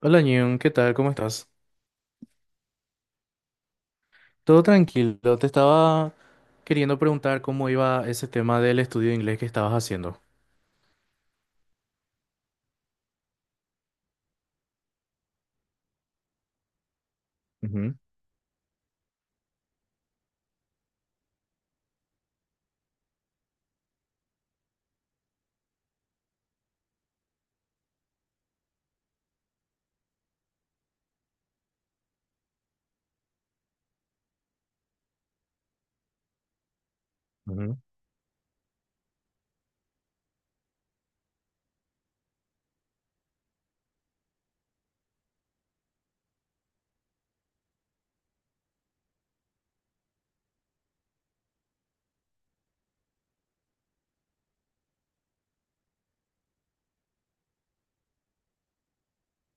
Hola, Ñun, ¿qué tal? ¿Cómo estás? Todo tranquilo. Te estaba queriendo preguntar cómo iba ese tema del estudio de inglés que estabas haciendo. Ujú, ujú,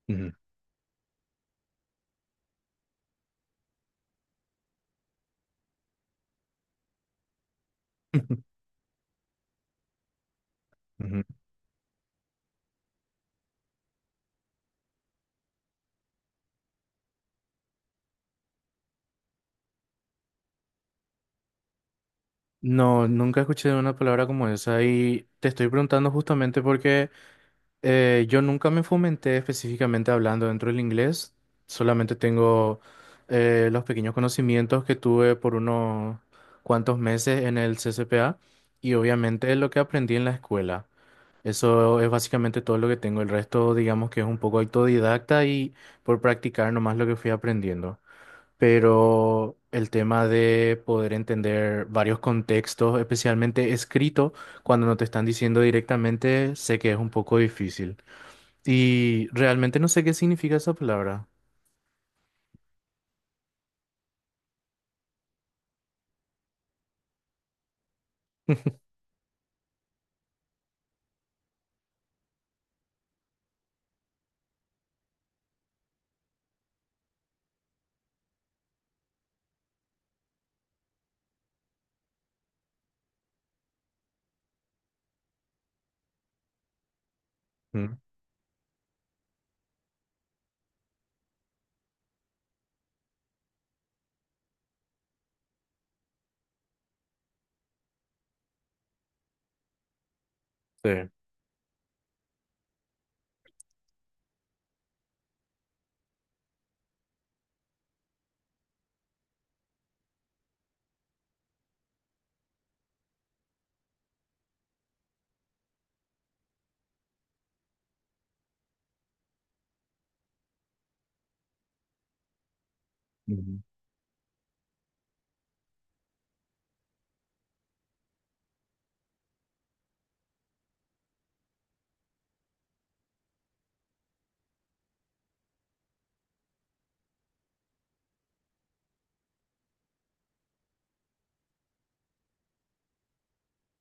ujú, ujú. No, nunca escuché una palabra como esa y te estoy preguntando justamente porque yo nunca me fomenté específicamente hablando dentro del inglés. Solamente tengo los pequeños conocimientos que tuve por unos cuantos meses en el CCPA y obviamente lo que aprendí en la escuela. Eso es básicamente todo lo que tengo. El resto, digamos que es un poco autodidacta y por practicar nomás lo que fui aprendiendo. Pero el tema de poder entender varios contextos, especialmente escrito, cuando no te están diciendo directamente, sé que es un poco difícil. Y realmente no sé qué significa esa palabra. Mm. Sí.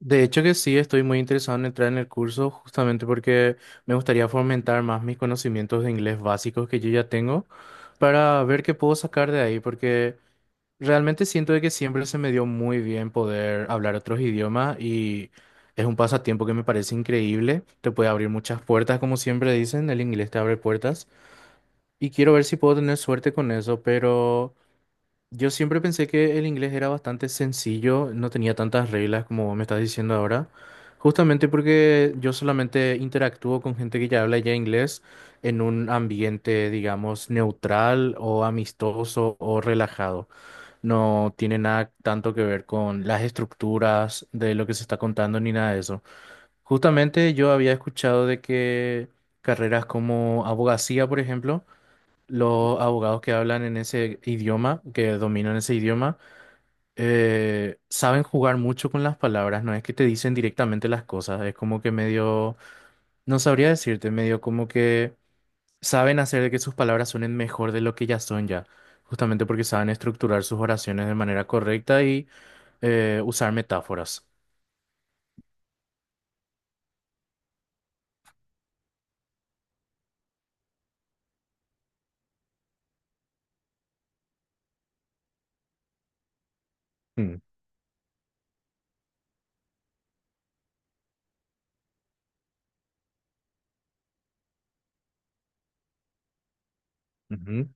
De hecho que sí, estoy muy interesado en entrar en el curso justamente porque me gustaría fomentar más mis conocimientos de inglés básicos que yo ya tengo para ver qué puedo sacar de ahí, porque realmente siento de que siempre se me dio muy bien poder hablar otros idiomas y es un pasatiempo que me parece increíble, te puede abrir muchas puertas, como siempre dicen, el inglés te abre puertas y quiero ver si puedo tener suerte con eso, pero... Yo siempre pensé que el inglés era bastante sencillo, no tenía tantas reglas como vos me estás diciendo ahora, justamente porque yo solamente interactúo con gente que ya habla ya inglés en un ambiente, digamos, neutral o amistoso o relajado. No tiene nada tanto que ver con las estructuras de lo que se está contando ni nada de eso. Justamente yo había escuchado de que carreras como abogacía, por ejemplo, los abogados que hablan en ese idioma, que dominan ese idioma, saben jugar mucho con las palabras, no es que te dicen directamente las cosas, es como que medio, no sabría decirte, medio como que saben hacer de que sus palabras suenen mejor de lo que ya son ya, justamente porque saben estructurar sus oraciones de manera correcta y usar metáforas. Mm. Ujú.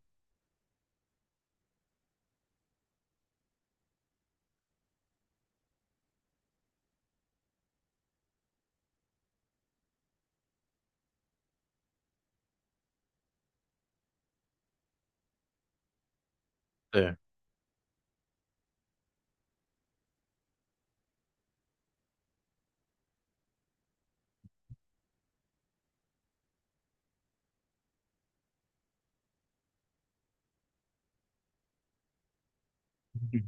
Sí. Ujú.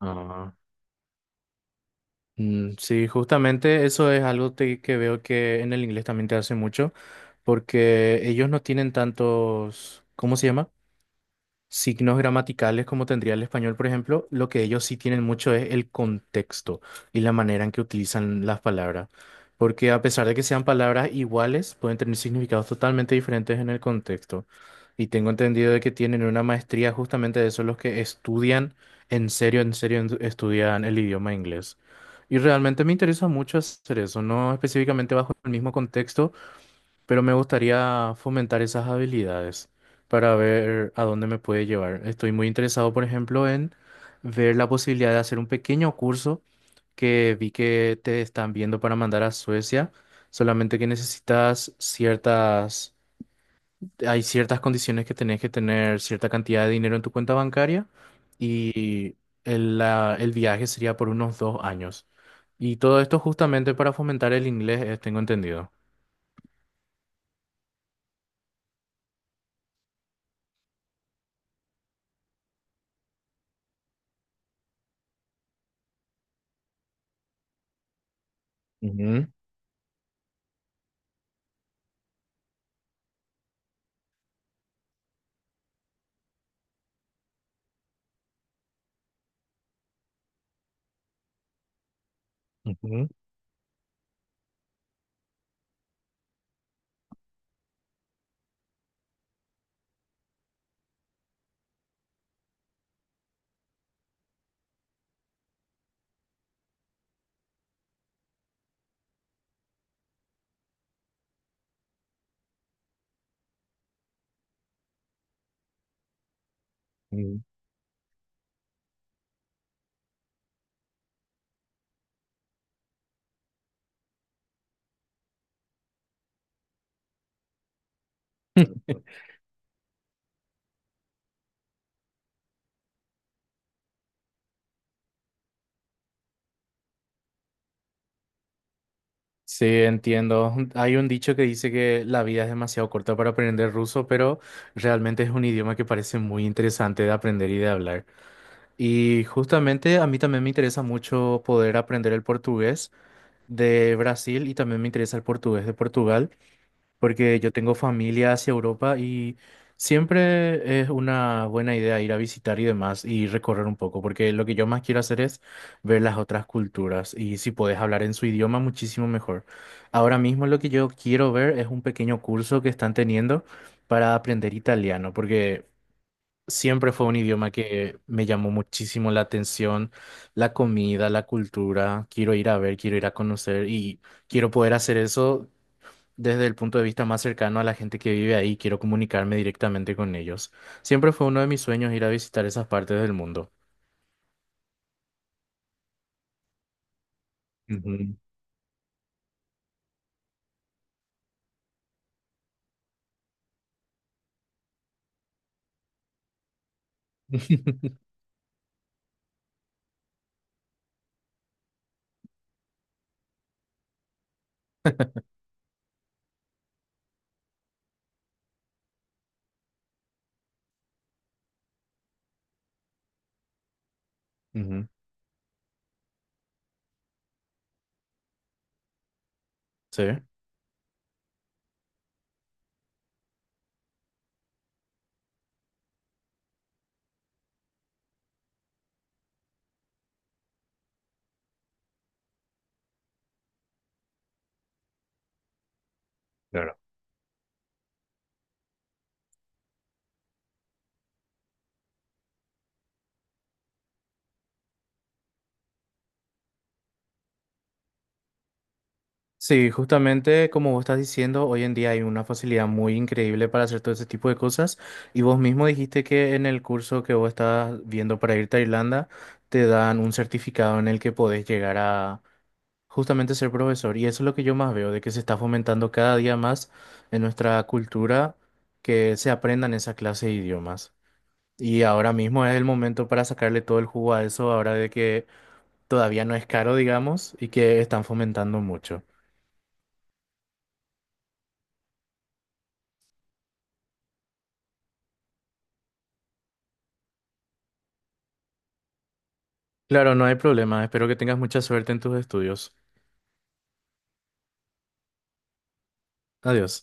Ah. Mm. Sí, justamente eso es algo que veo que en el inglés también te hace mucho, porque ellos no tienen tantos, ¿cómo se llama? Signos gramaticales como tendría el español, por ejemplo, lo que ellos sí tienen mucho es el contexto y la manera en que utilizan las palabras. Porque a pesar de que sean palabras iguales, pueden tener significados totalmente diferentes en el contexto. Y tengo entendido de que tienen una maestría justamente de eso, los que estudian en serio, estudian el idioma inglés. Y realmente me interesa mucho hacer eso, no específicamente bajo el mismo contexto, pero me gustaría fomentar esas habilidades para ver a dónde me puede llevar. Estoy muy interesado, por ejemplo, en ver la posibilidad de hacer un pequeño curso que vi que te están viendo para mandar a Suecia, solamente que necesitas ciertas, hay ciertas condiciones que tenés que tener cierta cantidad de dinero en tu cuenta bancaria y el viaje sería por unos 2 años. Y todo esto justamente para fomentar el inglés, tengo entendido. Ujú, ujú, ujú. Sí, entiendo. Hay un dicho que dice que la vida es demasiado corta para aprender ruso, pero realmente es un idioma que parece muy interesante de aprender y de hablar. Y justamente a mí también me interesa mucho poder aprender el portugués de Brasil y también me interesa el portugués de Portugal porque yo tengo familia hacia Europa y siempre es una buena idea ir a visitar y demás y recorrer un poco, porque lo que yo más quiero hacer es ver las otras culturas y si puedes hablar en su idioma, muchísimo mejor. Ahora mismo lo que yo quiero ver es un pequeño curso que están teniendo para aprender italiano, porque... Siempre fue un idioma que me llamó muchísimo la atención, la comida, la cultura. Quiero ir a ver, quiero ir a conocer y quiero poder hacer eso desde el punto de vista más cercano a la gente que vive ahí, quiero comunicarme directamente con ellos. Siempre fue uno de mis sueños ir a visitar esas partes del mundo. Ujú, ujú. Sí. Claro. Sí, justamente como vos estás diciendo, hoy en día hay una facilidad muy increíble para hacer todo ese tipo de cosas. Y vos mismo dijiste que en el curso que vos estás viendo para irte a Irlanda, te dan un certificado en el que podés llegar a justamente ser profesor, y eso es lo que yo más veo, de que se está fomentando cada día más en nuestra cultura que se aprendan esa clase de idiomas. Y ahora mismo es el momento para sacarle todo el jugo a eso, ahora de que todavía no es caro, digamos, y que están fomentando mucho. Claro, no hay problema, espero que tengas mucha suerte en tus estudios. Adiós.